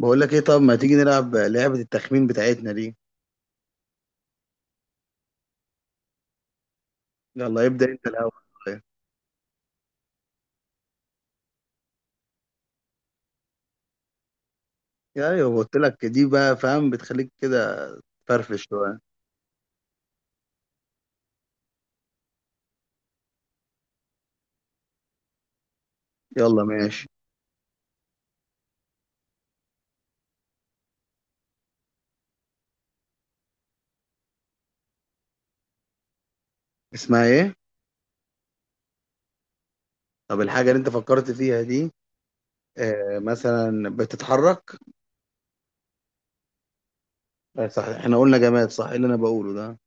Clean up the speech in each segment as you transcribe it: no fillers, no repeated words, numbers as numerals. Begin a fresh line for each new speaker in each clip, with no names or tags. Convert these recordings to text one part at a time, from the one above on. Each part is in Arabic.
بقول لك ايه؟ طب ما تيجي نلعب لعبة التخمين بتاعتنا دي. يلا ابدأ انت الاول. يا ايوه قلت لك دي بقى فاهم بتخليك كده. فرفش شوية. يلا ماشي. اسمها ايه؟ طب الحاجة اللي انت فكرت فيها دي آه مثلا بتتحرك؟ آه صح احنا قلنا جماد، صح. إيه اللي انا بقوله ده؟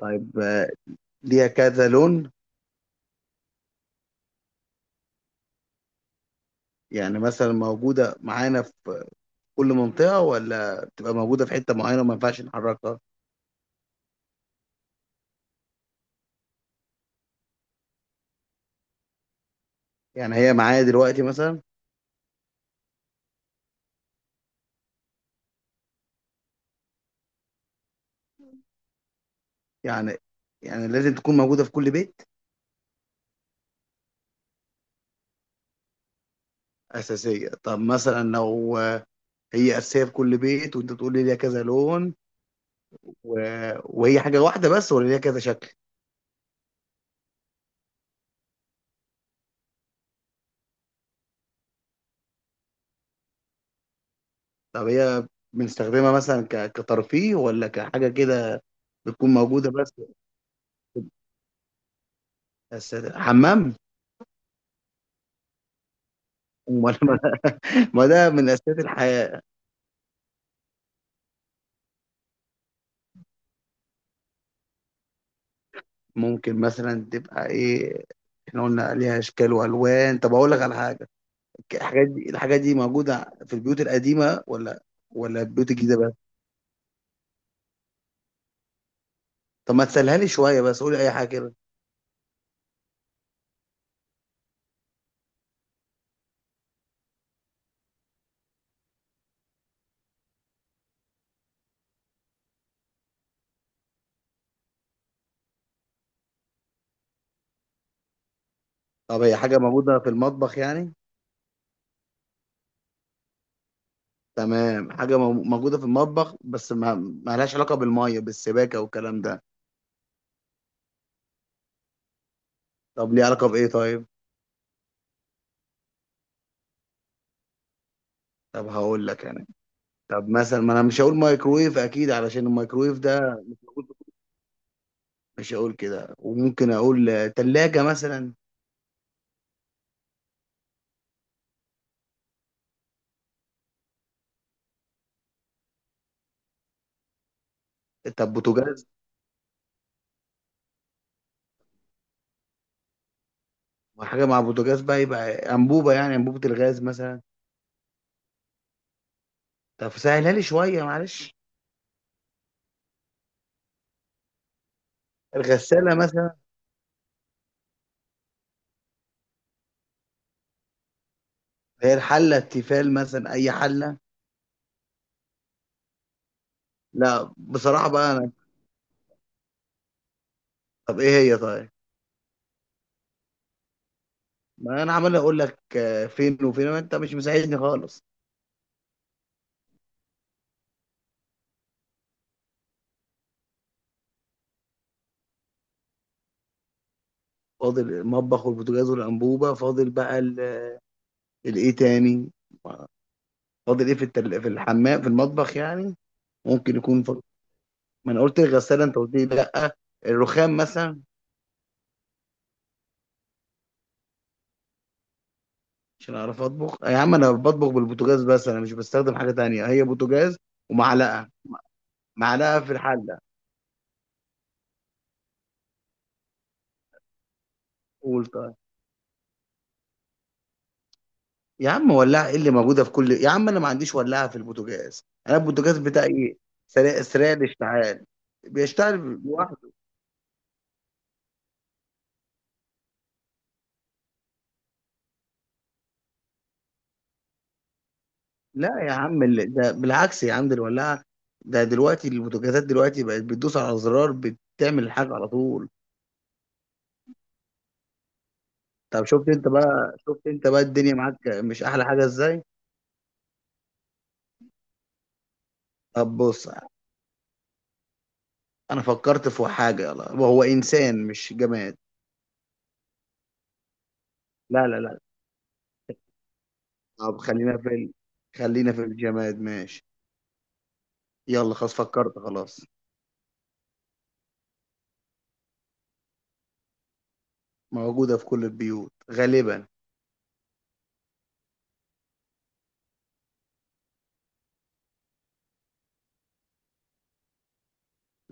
طيب آه، ليها كذا لون؟ يعني مثلا موجودة معانا في كل منطقة، ولا بتبقى موجودة في حتة معينة وما ينفعش نحركها؟ يعني هي معايا دلوقتي مثلا؟ يعني يعني لازم تكون موجودة في كل بيت؟ أساسية. طب مثلا لو هي أساسية في كل بيت وأنت تقول لي ليها كذا لون و... وهي حاجة واحدة بس ولا ليها كذا شكل؟ طب هي بنستخدمها مثلا كترفيه ولا كحاجة كده؟ بتكون موجودة بس؟ أساسية حمام؟ ولا ما ده من أساسيات الحياة. ممكن مثلا تبقى إيه؟ احنا قلنا ليها اشكال والوان. طب اقول لك على حاجه، الحاجات دي موجوده في البيوت القديمه ولا ولا البيوت الجديده بس؟ طب ما تسهلها لي شويه، بس قولي اي حاجه كده. طب هي حاجة موجودة في المطبخ يعني؟ تمام. حاجة موجودة في المطبخ بس ما لهاش علاقة بالمية بالسباكة والكلام ده؟ طب ليه علاقة بإيه طيب؟ طب هقول لك يعني. طب مثلا ما انا مش هقول مايكرويف اكيد، علشان الميكرويف ده مش هقول كده. وممكن اقول تلاجة مثلا. طب بوتاجاز. وحاجة مع بوتاجاز بقى، يبقى انبوبة، يعني انبوبة الغاز مثلا. طب سهلها لي شوية معلش. الغسالة مثلا؟ هي الحلة التيفال مثلا، اي حلة؟ لا بصراحة بقى انا. طب ايه هي طيب؟ ما انا عمال اقول لك فين وفين، ما انت مش مساعدني خالص. فاضل المطبخ والبوتاجاز والانبوبه، فاضل بقى الايه تاني؟ فاضل ايه في في الحمام في المطبخ يعني؟ ممكن يكون فاضل. ما انا قلت الغساله انت قلت لي لا. الرخام مثلا؟ عشان اعرف اطبخ؟ يا عم انا بطبخ بالبوتاجاز بس، انا مش بستخدم حاجه تانية، هي بوتاجاز ومعلقه، معلقه في الحله. قول طيب. يا عم ولاعة ايه اللي موجودة في كل؟ يا عم انا ما عنديش ولاعة في البوتاجاز، انا البوتاجاز بتاعي سريع، سريع الاشتعال، بيشتغل لوحده. لا يا عم، ده بالعكس يا عم، ده الولاعة. ده دلوقتي البوتاجازات دلوقتي بقت بتدوس على زرار بتعمل الحاجة على طول. طب شفت انت بقى، شفت انت بقى الدنيا معاك مش احلى حاجة ازاي؟ طب بص، انا فكرت في حاجة يلا، وهو انسان مش جماد. لا لا لا. طب خلينا في خلينا في الجماد ماشي. يلا خلاص فكرت، خلاص. موجودة في كل البيوت غالبا.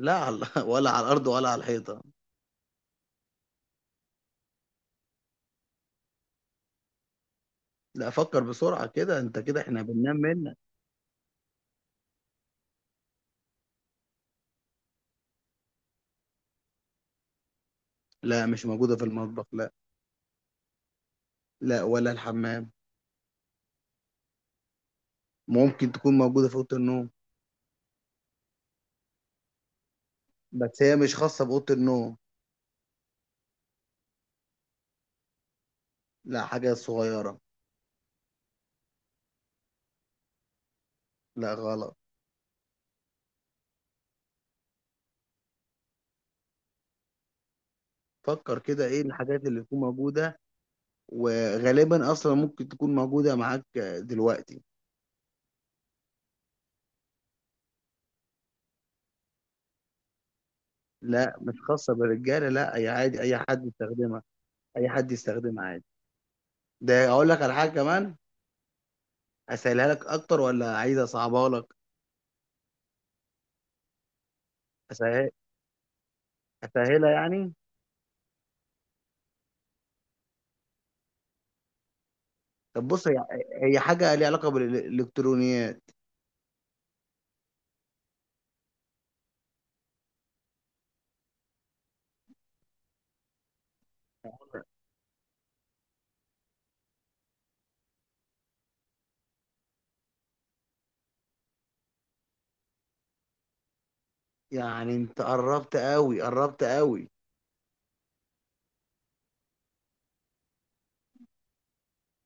لا على ولا على الأرض ولا على الحيطة. لا فكر بسرعة كده، انت كده احنا بننام منك. لا مش موجودة في المطبخ، لا. لا ولا الحمام. ممكن تكون موجودة في أوضة النوم. بس هي مش خاصة بأوضة النوم. لا حاجة صغيرة. لا غلط. فكر كده ايه الحاجات اللي تكون موجودة، وغالبا أصلا ممكن تكون موجودة معاك دلوقتي. لا مش خاصة بالرجالة، لا أي عادي، أي حد يستخدمها. أي حد يستخدمها عادي. ده أقول لك على حاجة كمان، اسهلها لك اكتر ولا عايز اصعبها لك؟ أسهل... اسهلها يعني. طب بص هي، هي حاجه ليها علاقه بالالكترونيات. يعني انت قربت قوي، قربت قوي.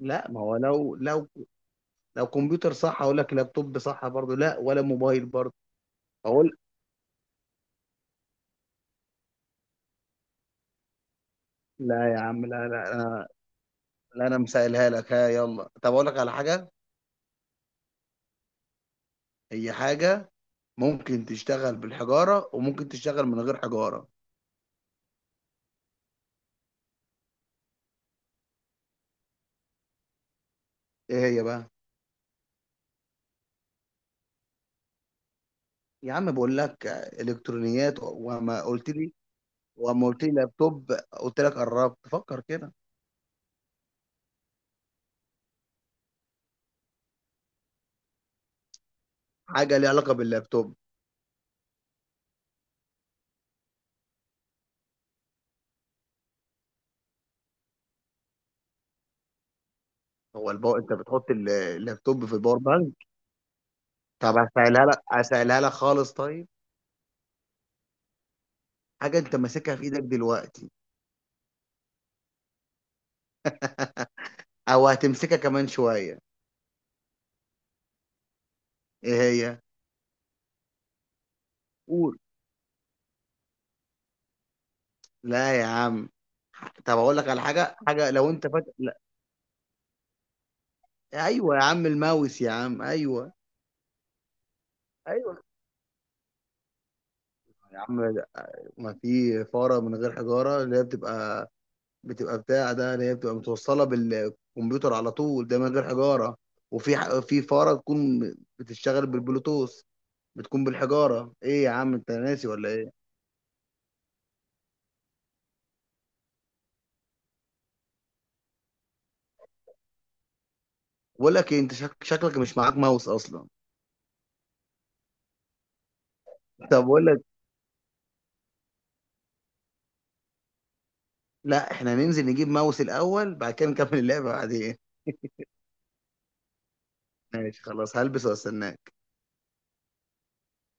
لا ما هو لو لو كمبيوتر صح اقول لك، لابتوب صح برضه، لا ولا موبايل برضه. اقول. لا يا عم، لا لا انا، لا انا مسهلها لك. ها يلا طب اقول لك على حاجه، هي حاجه ممكن تشتغل بالحجاره وممكن تشتغل من غير حجاره. ايه هي بقى؟ يا عم بقول لك الكترونيات وما قلت لي، واما قلت لي لابتوب قلت لك قربت، فكر كده. حاجه ليها علاقه باللابتوب. هو الباور، انت بتحط اللابتوب في الباور بانك؟ طب هسهلها لك، هسهلها لك خالص طيب. حاجه انت ماسكها في ايدك دلوقتي، او هتمسكها كمان شويه. ايه هي؟ قول. لا يا عم. طب اقول لك على حاجه، حاجه لو انت فاكر لا. ايوه يا عم، الماوس يا عم، ايوه. ايوه يا عم، ما في فاره من غير حجاره، اللي هي بتبقى، بتبقى بتاع ده اللي هي بتبقى متوصله بالكمبيوتر على طول، ده من غير حجاره. وفي في فاره تكون بتشتغل بالبلوتوث، بتكون بالحجاره. ايه يا عم انت ناسي ولا ايه؟ بقول لك إيه، انت شكلك مش معاك ماوس اصلا. طب بقول لك، لا احنا ننزل نجيب ماوس الاول، بعد كده نكمل اللعبه بعدين. ماشي خلاص، هلبس واستناك.